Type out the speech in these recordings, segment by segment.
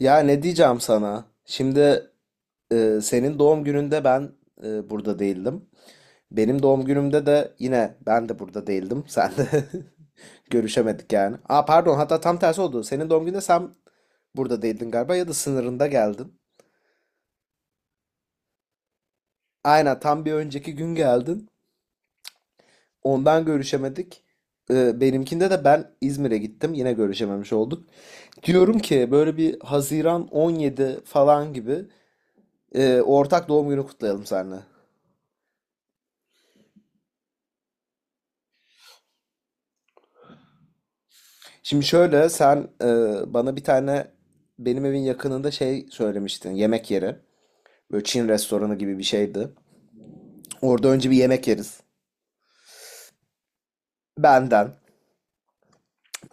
Ya ne diyeceğim sana? Şimdi senin doğum gününde ben burada değildim. Benim doğum günümde de yine ben de burada değildim. Sen de görüşemedik yani. Aa pardon hatta tam tersi oldu. Senin doğum gününde sen burada değildin galiba ya da sınırında geldin. Aynen tam bir önceki gün geldin. Ondan görüşemedik. Benimkinde de ben İzmir'e gittim. Yine görüşememiş olduk. Diyorum ki böyle bir 17 Haziran falan gibi ortak doğum günü kutlayalım seninle. Şimdi şöyle sen bana bir tane benim evin yakınında şey söylemiştin yemek yeri. Böyle Çin restoranı gibi bir şeydi. Orada önce bir yemek yeriz. Benden.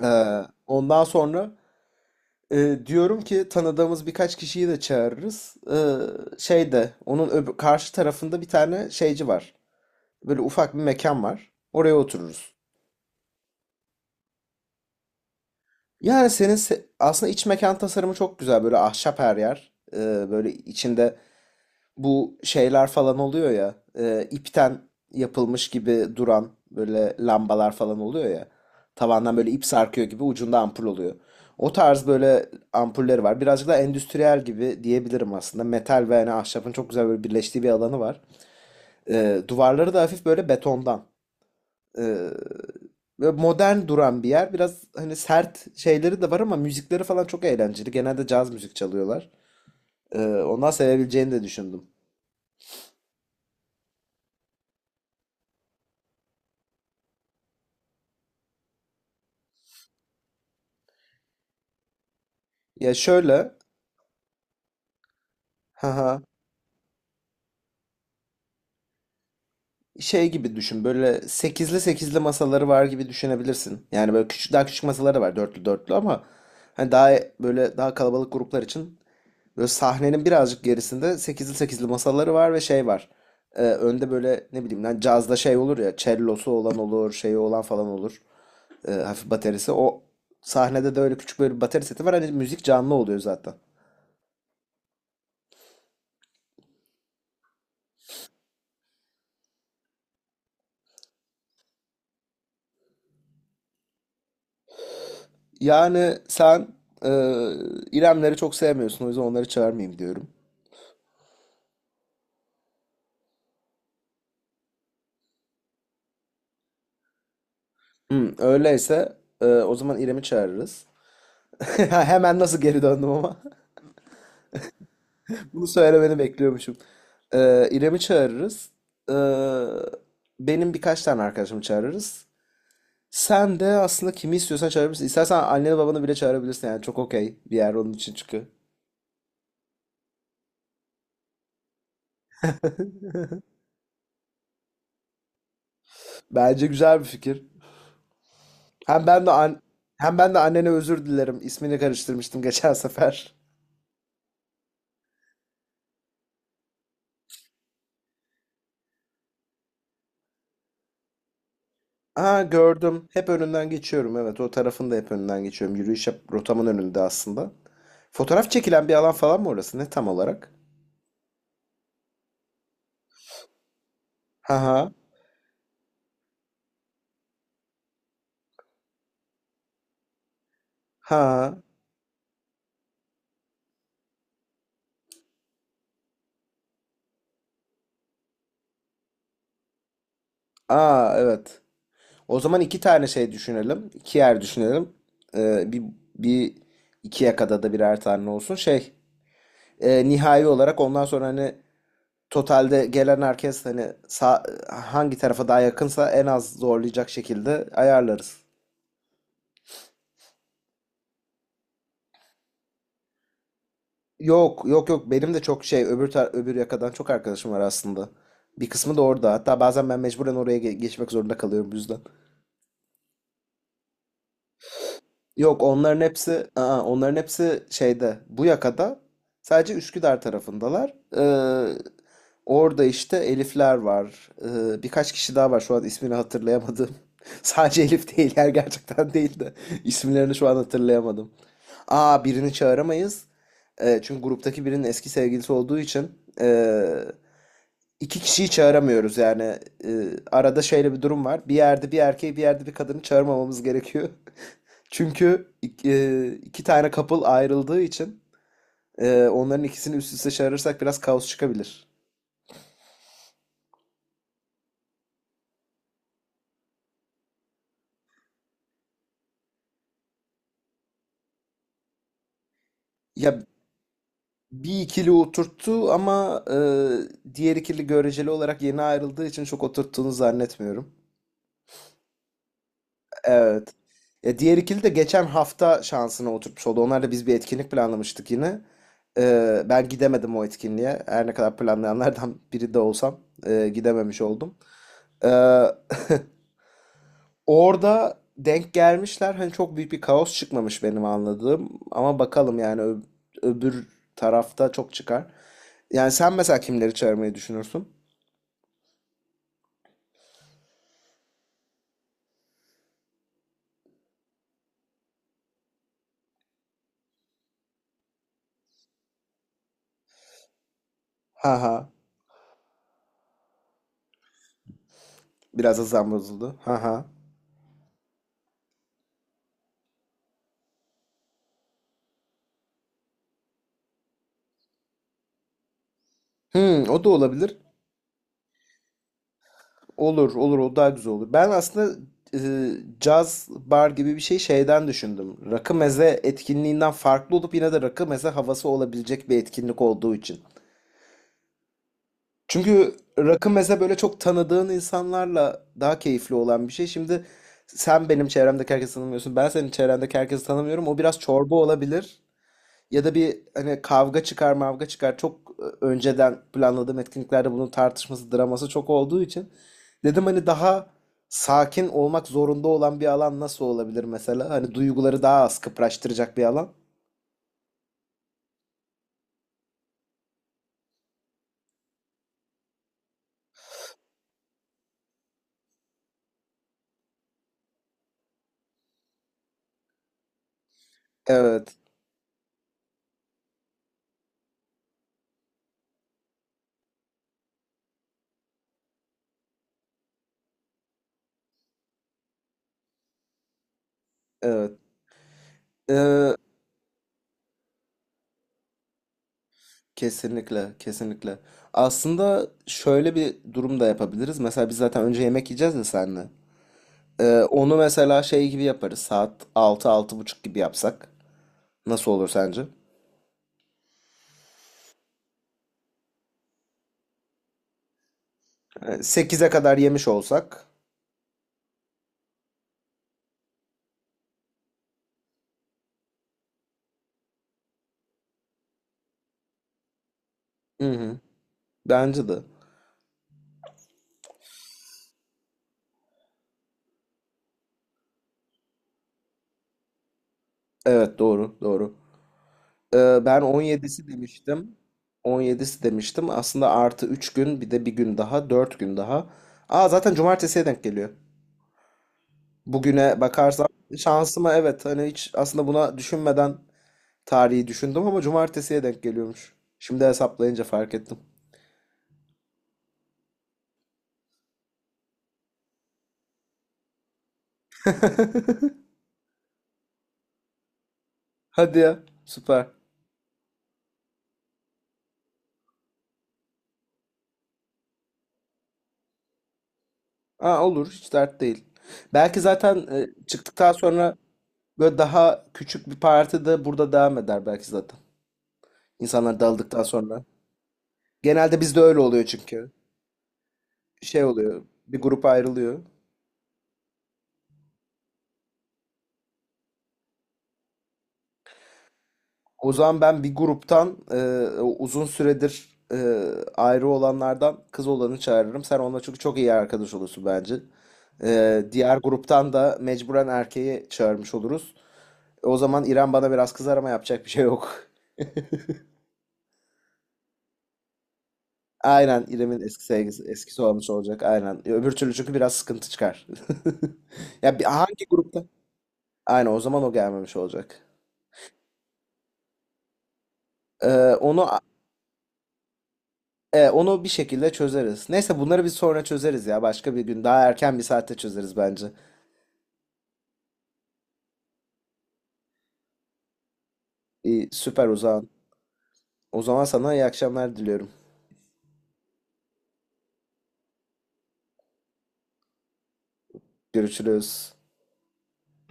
E, ondan sonra diyorum ki tanıdığımız birkaç kişiyi de çağırırız. Şeyde onun karşı tarafında bir tane şeyci var. Böyle ufak bir mekan var. Oraya otururuz. Yani aslında iç mekan tasarımı çok güzel. Böyle ahşap her yer. Böyle içinde bu şeyler falan oluyor ya. İpten yapılmış gibi duran böyle lambalar falan oluyor ya. Tavandan böyle ip sarkıyor gibi ucunda ampul oluyor. O tarz böyle ampulleri var. Birazcık da endüstriyel gibi diyebilirim aslında. Metal ve yani ahşabın çok güzel böyle birleştiği bir alanı var. Duvarları da hafif böyle betondan. E, Böyle modern duran bir yer. Biraz hani sert şeyleri de var ama müzikleri falan çok eğlenceli. Genelde caz müzik çalıyorlar. Ondan sevebileceğini de düşündüm. Ya şöyle Haha. Şey gibi düşün. Böyle sekizli sekizli masaları var gibi düşünebilirsin. Yani böyle küçük daha küçük masaları var dörtlü dörtlü ama hani daha böyle daha kalabalık gruplar için böyle sahnenin birazcık gerisinde sekizli sekizli masaları var ve şey var. Önde böyle ne bileyim lan cazda şey olur ya cellosu olan olur, şeyi olan falan olur. Hafif baterisi. O sahnede de öyle küçük böyle bir bateri seti var. Hani müzik canlı oluyor zaten. Yani sen e, İremleri çok sevmiyorsun. O yüzden onları çağırmayayım diyorum. Öyleyse o zaman İrem'i çağırırız. Ha, hemen nasıl geri döndüm ama. Bunu söylemeni bekliyormuşum. İrem'i çağırırız. E, benim birkaç tane arkadaşımı çağırırız. Sen de aslında kimi istiyorsan çağırabilirsin. İstersen anneni babanı bile çağırabilirsin. Yani çok okey bir yer onun için çünkü. Bence güzel bir fikir. Hem ben de an hem ben de annene özür dilerim. İsmini karıştırmıştım geçen sefer. Aa, gördüm. Hep önünden geçiyorum. Evet, o tarafın da hep önünden geçiyorum. Rotamın önünde aslında. Fotoğraf çekilen bir alan falan mı orası? Ne tam olarak? Ha ha. Ha. Aa, evet. O zaman iki tane şey düşünelim. İki yer düşünelim. Ee, bir, bir iki yakada da birer tane olsun. Şey nihai olarak ondan sonra hani totalde gelen herkes hani hangi tarafa daha yakınsa en az zorlayacak şekilde ayarlarız. Yok, yok, yok, benim de çok şey öbür yakadan çok arkadaşım var aslında. Bir kısmı da orada. Hatta bazen ben mecburen oraya geçmek zorunda kalıyorum bu yüzden. Yok, onların hepsi şeyde bu yakada sadece Üsküdar tarafındalar. Orada işte Elifler var. Birkaç kişi daha var şu an ismini hatırlayamadım. Sadece Elif değiller gerçekten değil de isimlerini şu an hatırlayamadım. Aa, birini çağıramayız. Çünkü gruptaki birinin eski sevgilisi olduğu için ee, iki kişiyi çağıramıyoruz yani. Ee, arada şöyle bir durum var. Bir yerde bir erkeği bir yerde bir kadını çağırmamamız gerekiyor. Çünkü iki tane couple ayrıldığı için onların ikisini üst üste çağırırsak biraz kaos çıkabilir. Ya bir ikili oturttu ama diğer ikili göreceli olarak yeni ayrıldığı için çok oturttuğunu zannetmiyorum. Evet. Ya diğer ikili de geçen hafta şansına oturtmuş oldu. Onlar da biz bir etkinlik planlamıştık yine. Ben gidemedim o etkinliğe. Her ne kadar planlayanlardan biri de olsam gidememiş oldum. E, Orada denk gelmişler. Hani çok büyük bir kaos çıkmamış benim anladığım. Ama bakalım yani öbür tarafta çok çıkar. Yani sen mesela kimleri çağırmayı düşünürsün? Ha ha. Biraz azam bozuldu. Ha ha. Hmm, o da olabilir. Olur, olur, o daha güzel olur. Ben aslında e, caz bar gibi bir şey şeyden düşündüm. Rakı meze etkinliğinden farklı olup yine de rakı meze havası olabilecek bir etkinlik olduğu için. Çünkü rakı mesela böyle çok tanıdığın insanlarla daha keyifli olan bir şey. Şimdi sen benim çevremdeki herkesi tanımıyorsun. Ben senin çevrendeki herkesi tanımıyorum. O biraz çorba olabilir. Ya da bir hani kavga çıkar, mavga çıkar. Çok önceden planladığım etkinliklerde bunun tartışması, draması çok olduğu için dedim hani daha sakin olmak zorunda olan bir alan nasıl olabilir mesela? Hani duyguları daha az kıpraştıracak bir alan. Evet, evet. Kesinlikle, kesinlikle. Aslında şöyle bir durum da yapabiliriz. Mesela biz zaten önce yemek yiyeceğiz ya seninle. Onu mesela şey gibi yaparız. Saat altı altı buçuk gibi yapsak. Nasıl olur sence? 8'e kadar yemiş olsak. Hı hı. Bence de. Evet, doğru, doğru. Ben 17'si demiştim. 17'si demiştim. Aslında artı 3 gün bir de bir gün daha, 4 gün daha. Aa, zaten cumartesiye denk geliyor. Bugüne bakarsam şansıma, evet hani hiç aslında buna düşünmeden tarihi düşündüm ama cumartesiye denk geliyormuş. Şimdi hesaplayınca fark ettim. Hadi ya, süper. Aa, olur, hiç dert değil. Belki zaten çıktıktan sonra böyle daha küçük bir parti de burada devam eder belki zaten. İnsanlar dağıldıktan sonra. Genelde bizde öyle oluyor çünkü. Şey oluyor, bir grup ayrılıyor. O zaman ben bir gruptan o uzun süredir ayrı olanlardan kız olanı çağırırım. Sen onunla çünkü çok iyi arkadaş olursun bence. Diğer gruptan da mecburen erkeği çağırmış oluruz. O zaman İrem bana biraz kızar ama yapacak bir şey yok. Aynen İrem'in eski sevgisi, eskisi olmuş olacak. Aynen. Öbür türlü çünkü biraz sıkıntı çıkar. Ya bir, hangi grupta? Aynen, o zaman o gelmemiş olacak. E, onu onu bir şekilde çözeriz. Neyse bunları bir sonra çözeriz ya. Başka bir gün daha erken bir saatte çözeriz bence. İyi, süper o zaman. O zaman sana iyi akşamlar diliyorum. Görüşürüz.